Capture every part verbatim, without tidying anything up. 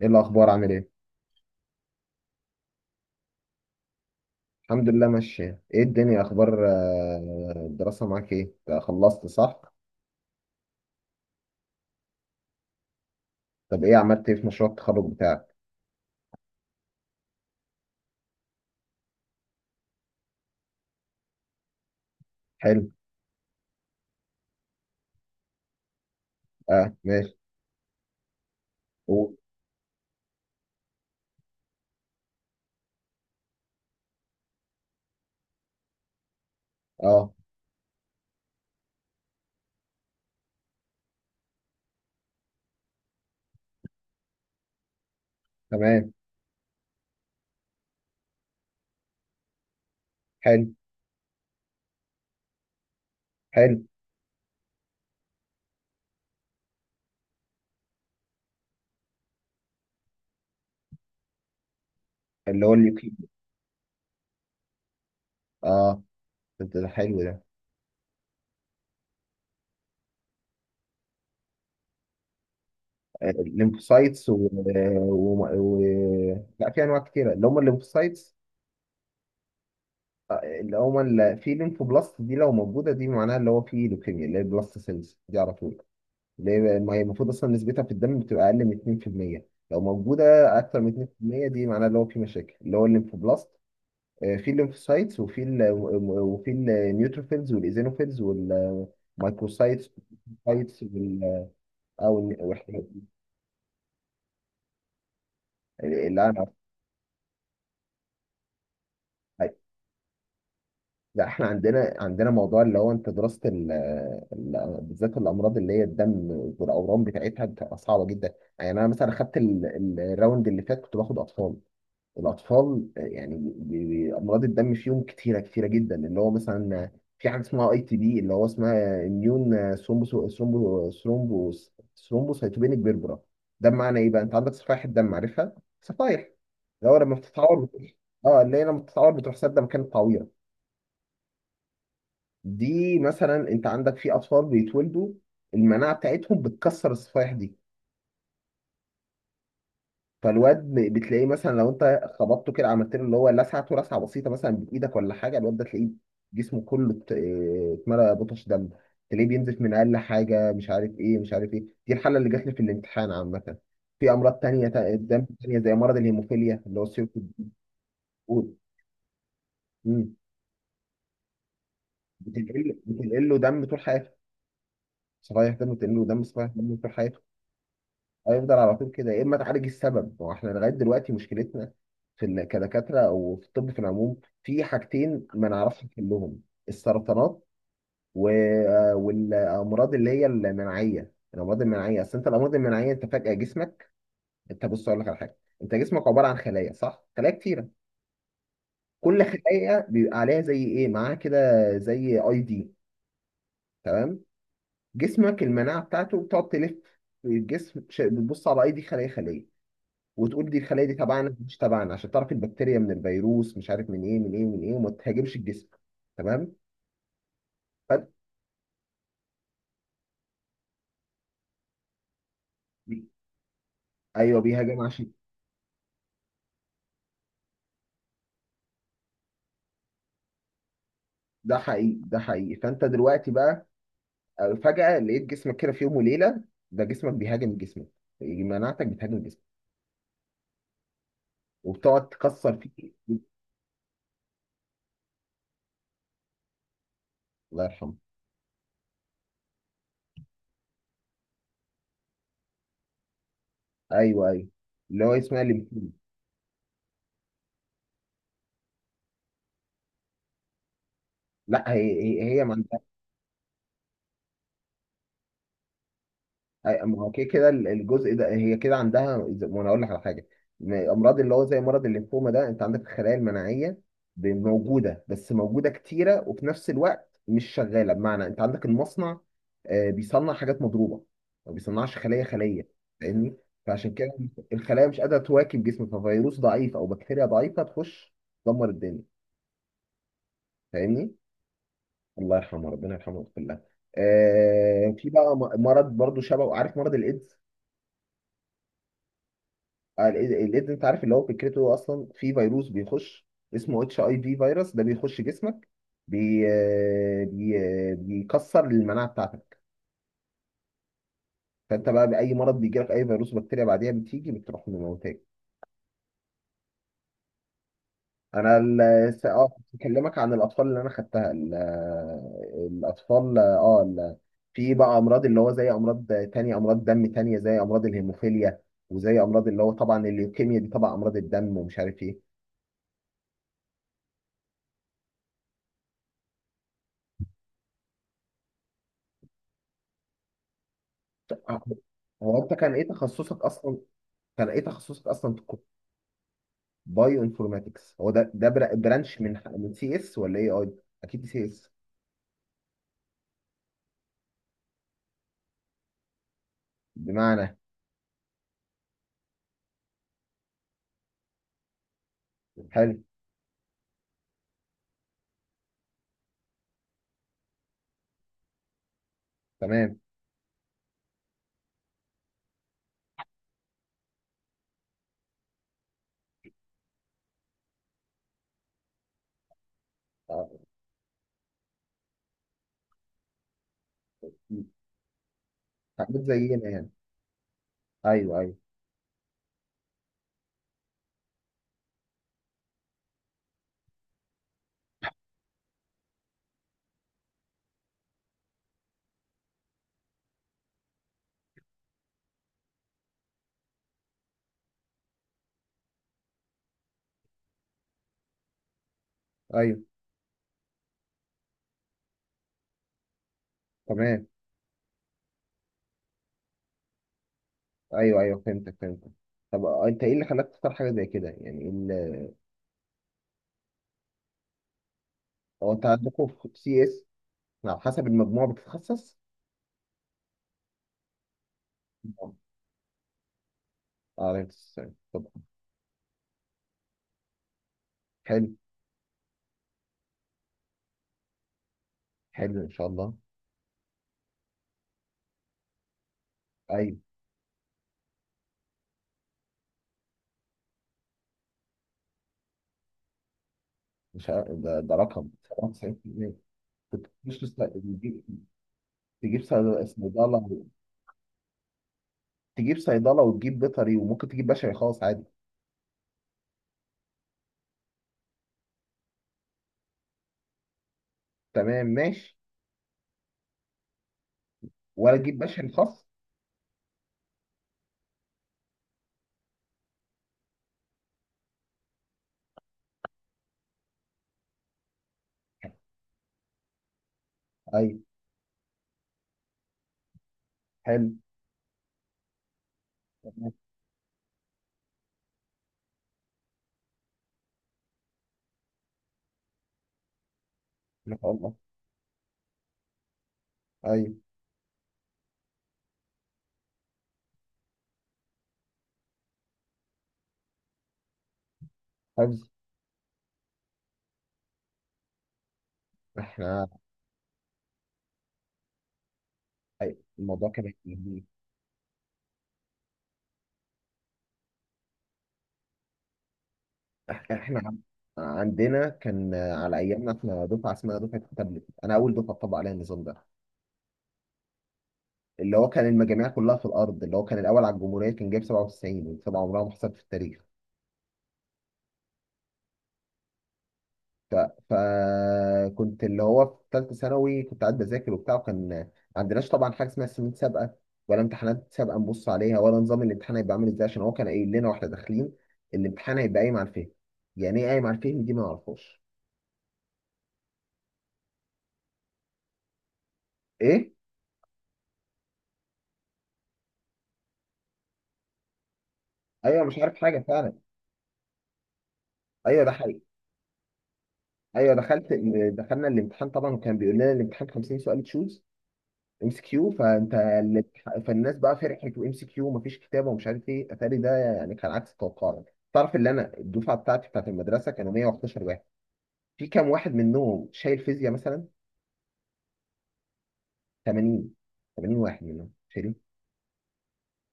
ايه الاخبار؟ عامل ايه؟ الحمد لله ماشيه. ايه الدنيا؟ اخبار آه، الدراسه معاك ايه؟ أنت خلصت صح؟ طب ايه عملت ايه في مشروع التخرج بتاعك؟ حلو. اه، ماشي. قول. اه. تمام. حلو. حلو. اللي هو اليوكي. اه. ده ده حلو ده. آه، الليمفوسايتس و... و... و... لا، في انواع كتيره اللي هم الليمفوسايتس. آه، اللي هم ال- في ليمفوبلاست دي، لو موجوده دي معناها اللي هو في لوكيميا، اللي هي البلاست سيلز دي على طول. ليه؟ ما هي المفروض اصلا نسبتها في الدم بتبقى اقل من اتنين في المية. لو موجوده اكتر من اتنين في المية دي معناها اللي هو في مشاكل، اللي هو الليمفوبلاست. آه، في الليمفوسايتس، وفي ال وفي النيوتروفيلز والايزينوفيلز والمايكروسايتس والسايتس وال- او ال- والحاجات دي. اللي انا عارفها. لا، احنا عندنا عندنا موضوع اللي هو انت دراسه ال- ال- بالذات الامراض اللي هي الدم والاورام بتاعتها بتبقى صعبه جدا. يعني انا مثلا اخدت ال- ال- الراوند اللي فات كنت باخد اطفال. الاطفال يعني بي- بي- امراض الدم فيهم كتيره كتيره جدا. اللي هو مثلا في حاجه اسمها اي تي بي، اللي هو اسمها اميون ثرومبو ثرومبو ثرومبو ثرومبوسيتوبينيك بيربرا. ده بمعنى ايه بقى؟ انت عندك صفائح الدم، عارفها؟ صفائح اللي هو لما بتتعور بتروح. اه، اللي هي لما بتتعور بتروح سادة مكان التعويره. دي مثلا انت عندك في اطفال بيتولدوا المناعه بتاعتهم بتكسر الصفائح دي. فالواد ب- بتلاقيه مثلا لو انت خبطته كده، عملت له اللي هو لسعته لسعه بسيطه مثلا بايدك ولا حاجه، الواد ده تلاقيه جسمه كله ات- اه، اتملى بطش دم. تلاقيه بينزف من اقل حاجه، مش عارف ايه مش عارف ايه. دي الحاله اللي جات لي في الامتحان عامه. في امراض تانية تا- دم تانية زي مرض الهيموفيليا اللي هو سيرة الدهون. مم. بتنقل بتنقل له دم طول حياته. صفائح دم بتنقل له دم، صفائح دم طول حياته. هيفضل على طول كده، يا اما تعالج السبب. هو احنا لغايه دلوقتي مشكلتنا في ال- كدكاتره او في الطب في العموم، في حاجتين ما نعرفش نحلهم: السرطانات و... آه، والامراض اللي هي المناعيه. الامراض المناعيه، اصل انت الامراض المناعيه انت فجاه جسمك. انت بص، اقول لك على حاجه. انت جسمك عباره عن خلايا، صح؟ خلايا كتيره، كل خلايا بيبقى عليها زي ايه معاها كده، زي اي دي. تمام؟ جسمك المناعه بتاعته بتقعد تلف في الجسم، ش- بتبص على اي دي خليه خليه، وتقول دي الخلايا دي تبعنا مش تبعنا، عشان تعرف البكتيريا من الفيروس، مش عارف من ايه من ايه من ايه، وما تهاجمش الجسم. تمام؟ فأنت- ايوه بيهاجم عشان. ده حقيقي، ده حقيقي. فانت دلوقتي بقى آه، فجأة لقيت جسمك كده في يوم وليلة، ده جسمك بيهاجم جسمك، مناعتك بتهاجم جسمك، وبتقعد تكسر فيه. الله يرحمه. ايوه ايوه. اللي هو اسمها اللي. لا، هي هي, هي ما. أي- ما هو كده كده ال- الجزء ده هي كده عندها ز- ما انا اقول لك على حاجه. م- امراض اللي هو زي مرض الليمفوما، ده انت عندك الخلايا المناعيه ب- موجوده، بس موجوده كتيره، وفي نفس الوقت مش شغاله. بمعنى انت عندك المصنع آه، بيصنع حاجات مضروبه، ما بيصنعش خليه خليه. فاهمني؟ فعشان كده الخلايا مش قادره تواكب جسمك، ففيروس ضعيف او بكتيريا ضعيفه تخش تدمر الدنيا. فاهمني؟ الله يرحمه، ربنا يرحمه ويغفر له. آه، في بقى م- مرض برضو شبه، عارف مرض الايدز؟ آه، ال- ال- الإيدز انت عارف اللي هو فكرته اصلا، في فيروس بيخش اسمه اتش اي في. فيروس ده بيخش جسمك، بي آه، بي آه، بيكسر المناعه بتاعتك. فانت بقى باي مرض بيجي لك، اي فيروس بكتيريا بعديها بتيجي بتروح مموتاك. انا ال- س- اه كنت بكلمك عن الاطفال اللي انا خدتها ال- آه، الاطفال اه آه، ال- في بقى امراض اللي هو زي امراض تانية، امراض دم تانية زي امراض الهيموفيليا وزي امراض اللي هو طبعا الليوكيميا، دي طبعا امراض الدم ومش عارف ايه. هو انت كان ايه تخصصك اصلا؟ كان ايه تخصصك اصلا في الكو- بايو انفورماتكس؟ هو ده ده برا- برانش من من سي اس ولا ايه اي؟ اكيد سي اس. بمعنى. حلو. تمام. آه، حاجات زينا يعني. ايوه ايوه ايوه. تمام. ايوه ايوه، فهمتك فهمتك. طب آه، انت ايه اللي خلاك تختار حاجه زي كده يعني ال- هو انت عندكم في سي اس على حسب المجموع بتتخصص؟ آه، عليك السلام. طب. حلو. حلو ان شاء الله. ايوه، مش ع- ده, ده رقم سبعة وتسعين في المية. كنت مش لسه تجيب صيد- صيدلة؟ تجيب صيدلة وتجيب بيطري وممكن تجيب بشري خاص عادي. تمام ماشي. ولا تجيب بشري خاص. أيوة. حلو. تمام. ما شاء الله. أيوة. حفظ. احنا. أيوة الموضوع كان جميل. إح- احنا عن- عندنا كان على أيامنا احنا دفعة اسمها دفعة التابلت، أنا أول دفعة طبق عليها النظام ده، اللي هو كان المجاميع كلها في الأرض، اللي هو كان الأول على الجمهورية كان جايب سبعة وتسعين، والسبعة عمرها ما حصلت في التاريخ. ف... فكنت اللي هو في ثالثه ثانوي كنت قاعد بذاكر وبتاع، وكان ما عندناش طبعا حاجه اسمها سنين سابقه ولا امتحانات سابقه نبص عليها، ولا نظام الامتحان هيبقى عامل ازاي، عشان هو كان قايل لنا واحنا داخلين الامتحان هيبقى قايم على الفهم. يعني ايه قايم على الفهم؟ دي ما نعرفهاش. ايه. ايوه مش عارف حاجه فعلا. ايوه ده حقيقي. ايوه. دخلت دخلنا الامتحان طبعا وكان بيقول لنا الامتحان خمسين سؤال تشوز، ام سي كيو. فانت اللي بتح- فالناس بقى فرحت، وام سي كيو ومفيش كتابه ومش عارف ايه. اتاري ده يعني كان عكس توقعنا. تعرف ان انا الدفعه بتاعتي بتاعت المدرسه كانوا مية وحداشر واحد، في كام واحد منهم شايل فيزياء مثلا؟ تمانين. تمانين واحد منهم شايلين.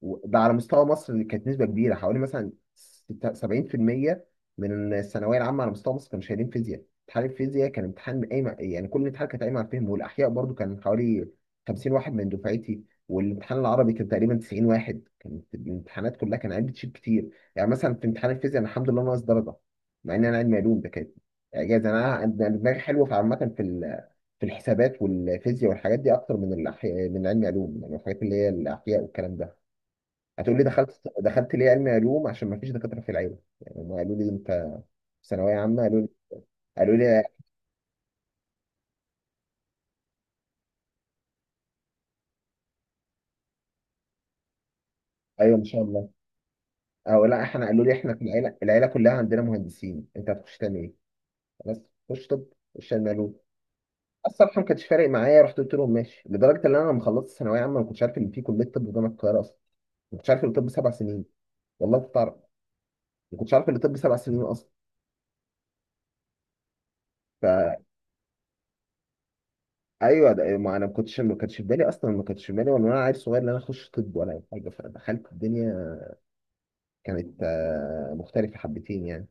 وده على مستوى مصر، اللي كانت نسبة كبيرة حوالي مثلا ستة- سبعين في المية من الثانوية العامة على مستوى مصر كانوا شايلين فيزياء. امتحان الفيزياء كان امتحان قايم، يعني كل امتحان كان قايم على الفهم. والأحياء برضو كان حوالي خمسين واحد من دفعتي، والامتحان العربي كان تقريبا تسعين واحد. كانت الامتحانات كلها كان عيال بتشيل كتير. يعني مثلا في امتحان الفيزياء انا الحمد لله ناقص درجة، مع ان انا علمي علوم، ده كانت اعجاز. انا أنا دماغي حلوه في عامه في ال- في الحسابات والفيزياء والحاجات دي اكتر من الاحياء، من علمي علوم يعني الحاجات اللي هي الاحياء والكلام ده. هتقول لي دخلت دخلت ليه علمي علوم؟ عشان ما فيش دكاتره في العيله. يعني هم قالوا لي انت في ثانويه عامه، قالوا لي، قالوا لي، ايوه ان شاء الله. او لا، احنا قالوا لي احنا في العيله، العيله كلها عندنا مهندسين، انت هتخش تعمل ايه؟ بس خش طب، خش علمي علوم. الصراحه ما كانش فارق معايا، رحت قلت لهم ماشي. لدرجه ان انا لما خلصت ثانويه عامه ما كنتش عارف ان في كليه طب جامعه القاهره اصلا. ما كنتش عارف ان الطب سبع سنين. والله كنت اعرف. ما كنتش عارف ان الطب سبع سنين اصلا. فايوه ده ما انا ما كنتش، ما كانش في بالي اصلا، ما كانش في بالي وانا عيل صغير ان انا اخش طب ولا اي حاجه. فدخلت الدنيا كانت آه، مختلفة حبتين يعني.